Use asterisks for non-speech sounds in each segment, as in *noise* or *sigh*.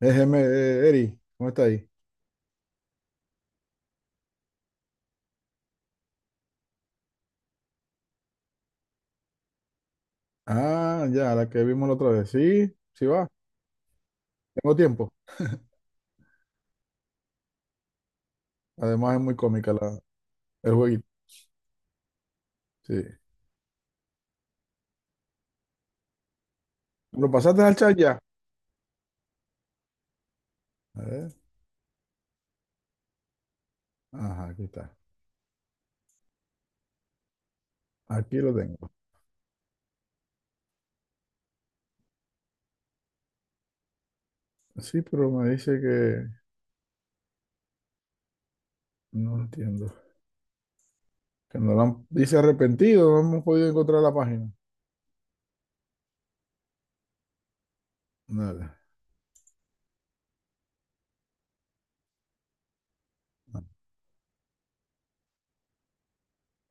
Es Eri, ¿cómo está ahí? Ah, ya, la que vimos la otra vez. Sí, sí va, tengo tiempo. Además es muy cómica el jueguito. Sí. ¿Lo pasaste al chat ya? A ver. Ajá, aquí está. Aquí lo tengo. Sí, pero me dice que no lo entiendo. Que no la han- dice arrepentido, no hemos podido encontrar la página. Nada.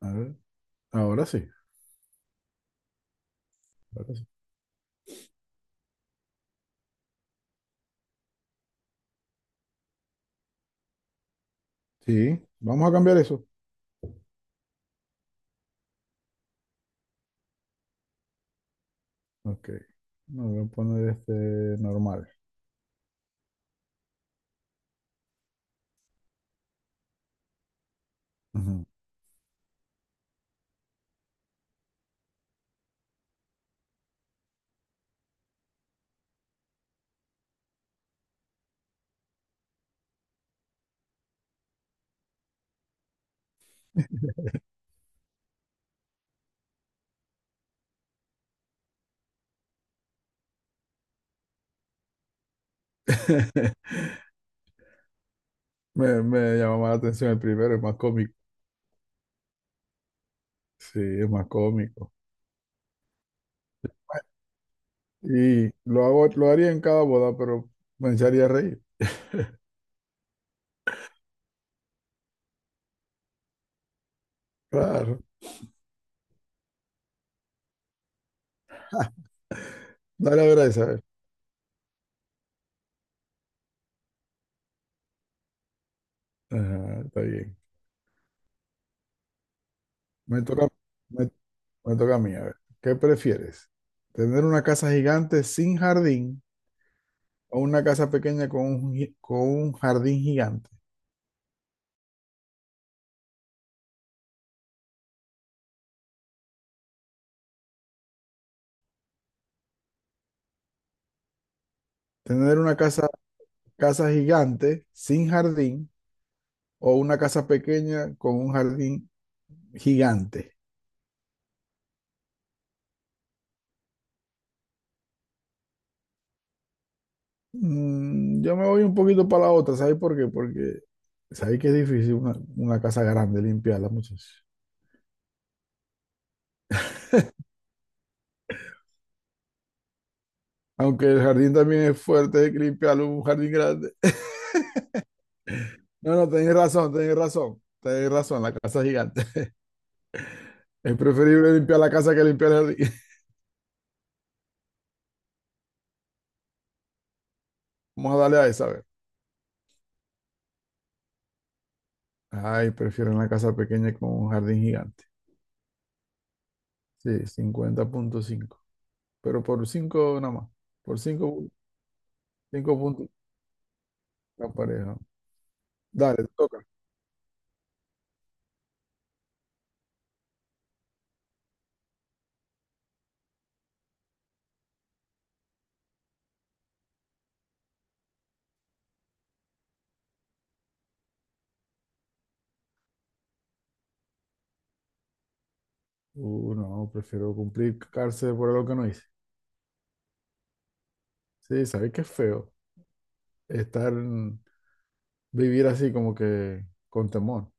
A ver. Ahora sí. Ahora sí. Sí, vamos a cambiar eso. Ok. No, voy a poner este normal. Ujú. *laughs* Me llama más la atención el primero, es más cómico. Sí, es más cómico. Y lo hago, lo haría en cada boda, pero me echaría a reír. Claro. *laughs* Dale a ver a esa, a ver. Ajá, está bien. Me toca, me, me toca a mí, a ver. ¿Qué prefieres? ¿Tener una casa gigante sin jardín o una casa pequeña con con un jardín gigante? ¿Tener una casa gigante sin jardín o una casa pequeña con un jardín gigante? Mm, yo me voy un poquito para la otra, ¿sabes por qué? Porque sabéis que es difícil una casa grande limpiarla, muchachos. Aunque el jardín también es fuerte, hay que limpiarlo, un jardín grande. *laughs* No, no, tenéis razón, tenéis razón, tenéis razón, la casa es gigante. *laughs* Es preferible limpiar la casa que limpiar el jardín. *laughs* Vamos a darle a esa, a ver. Ay, prefiero una casa pequeña con un jardín gigante. Sí, 50.5, pero por 5 nada más. Por 5, 5 puntos la pareja. Dale, te toca. No, prefiero cumplir cárcel por algo que no hice. Sí, sabes que es feo estar, vivir así como que con temor.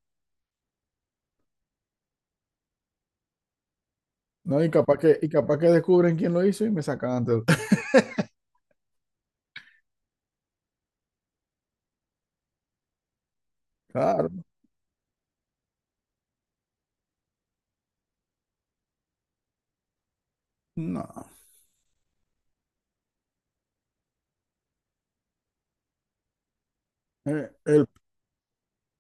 No, y capaz que descubren quién lo hizo y me sacan antes. *laughs* Claro, no. Eh, el,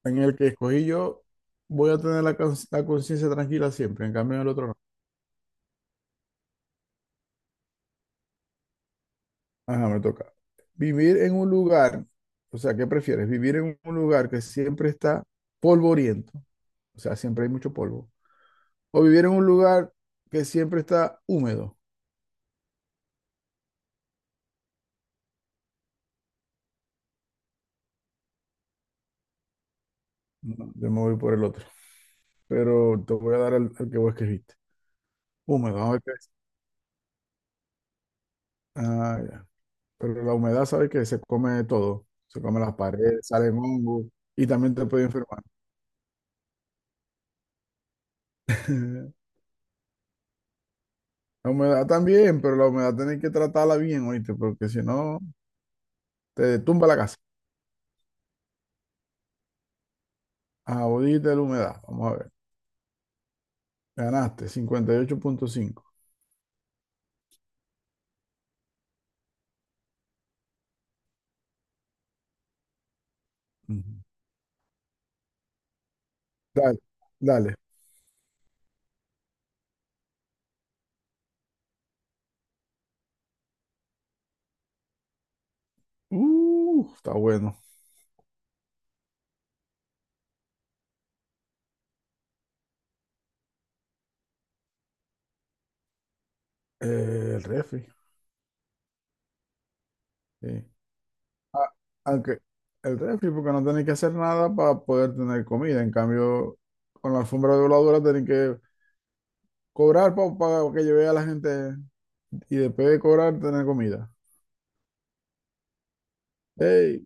en el que escogí yo, voy a tener la conciencia tranquila siempre. En cambio, en el otro no. Ajá, me toca. Vivir en un lugar, o sea, ¿qué prefieres? ¿Vivir en un lugar que siempre está polvoriento? O sea, siempre hay mucho polvo. ¿O vivir en un lugar que siempre está húmedo? No, yo me voy por el otro. Pero te voy a dar el que vos escribiste. Húmedo, vamos a ver qué es. Ah, ya. Pero la humedad, ¿sabes que se come todo. Se come las paredes, salen hongos y también te puede enfermar. *laughs* La humedad también, pero la humedad tenés que tratarla bien, oíste, porque si no, te tumba la casa. Ah, vos dijiste la humedad. Vamos a ver. Ganaste, 58.5. Ujú. Dale, dale. Está bueno. El refri. Sí. a- aunque el refri, porque no tenéis que hacer nada para poder tener comida. En cambio, con la alfombra voladora tenéis que cobrar para que lleve a la gente y después de cobrar tener comida. ¡Ey!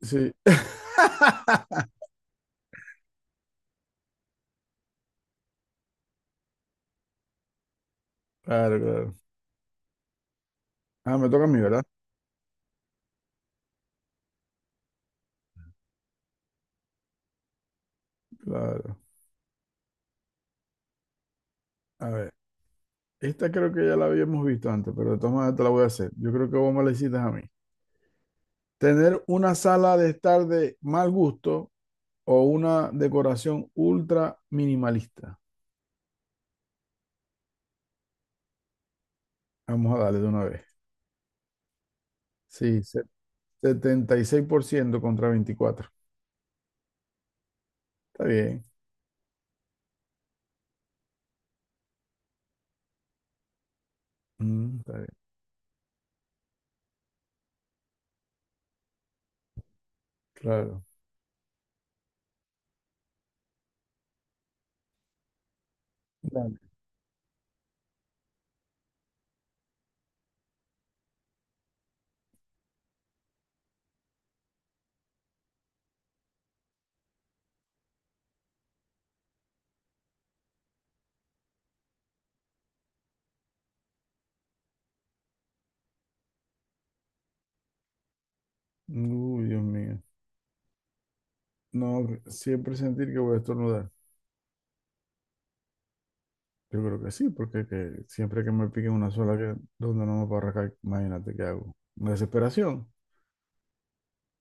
Sí, *laughs* claro, claro. Ah, me toca a mí, ¿verdad? Claro. A ver, esta creo que ya la habíamos visto antes, pero de todas maneras te la voy a hacer. Yo creo que vos me la hiciste a mí. Tener una sala de estar de mal gusto o una decoración ultra minimalista. Vamos a darle de una vez. Sí, 76% contra 24. Está bien. Mm, está bien. Claro. Dale. Uy, Dios mío. No, siempre sentir que voy a estornudar. Yo creo que sí, porque que siempre que me pique una sola que donde no me puedo arrancar, imagínate qué hago. Desesperación.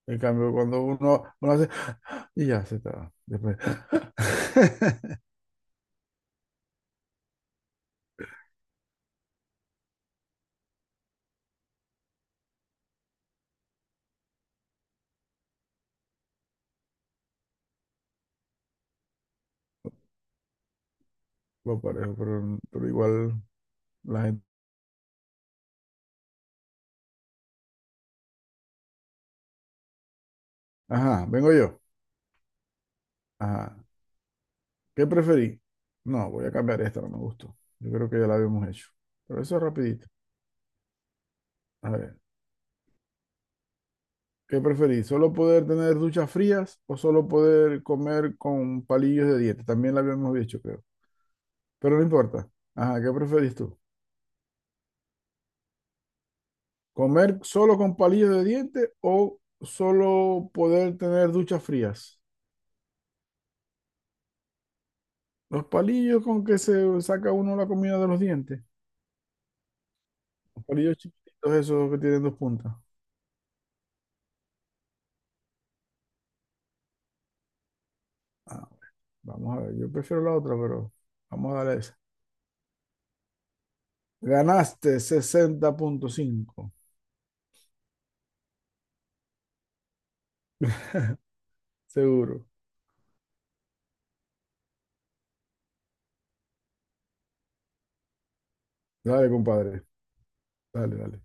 En cambio, cuando uno hace *gasps* y ya se está. Después. *laughs* Lo parejo, pero igual la gente. Ajá, vengo yo. Ajá. ¿Qué preferí? No, voy a cambiar esta, no me gustó. Yo creo que ya la habíamos hecho. Pero eso es rapidito. A ver, ¿qué preferí? ¿Solo poder tener duchas frías o solo poder comer con palillos de dieta? También la habíamos dicho, creo. Pero no importa. Ajá, ¿qué preferís tú? ¿Comer solo con palillos de diente o solo poder tener duchas frías? Los palillos con que se saca uno la comida de los dientes. Los palillos chiquititos, esos que tienen dos puntas. Ah, vamos a ver, yo prefiero la otra, pero vamos a darle esa. Ganaste 60.5 seguro. Dale, compadre. Dale, dale.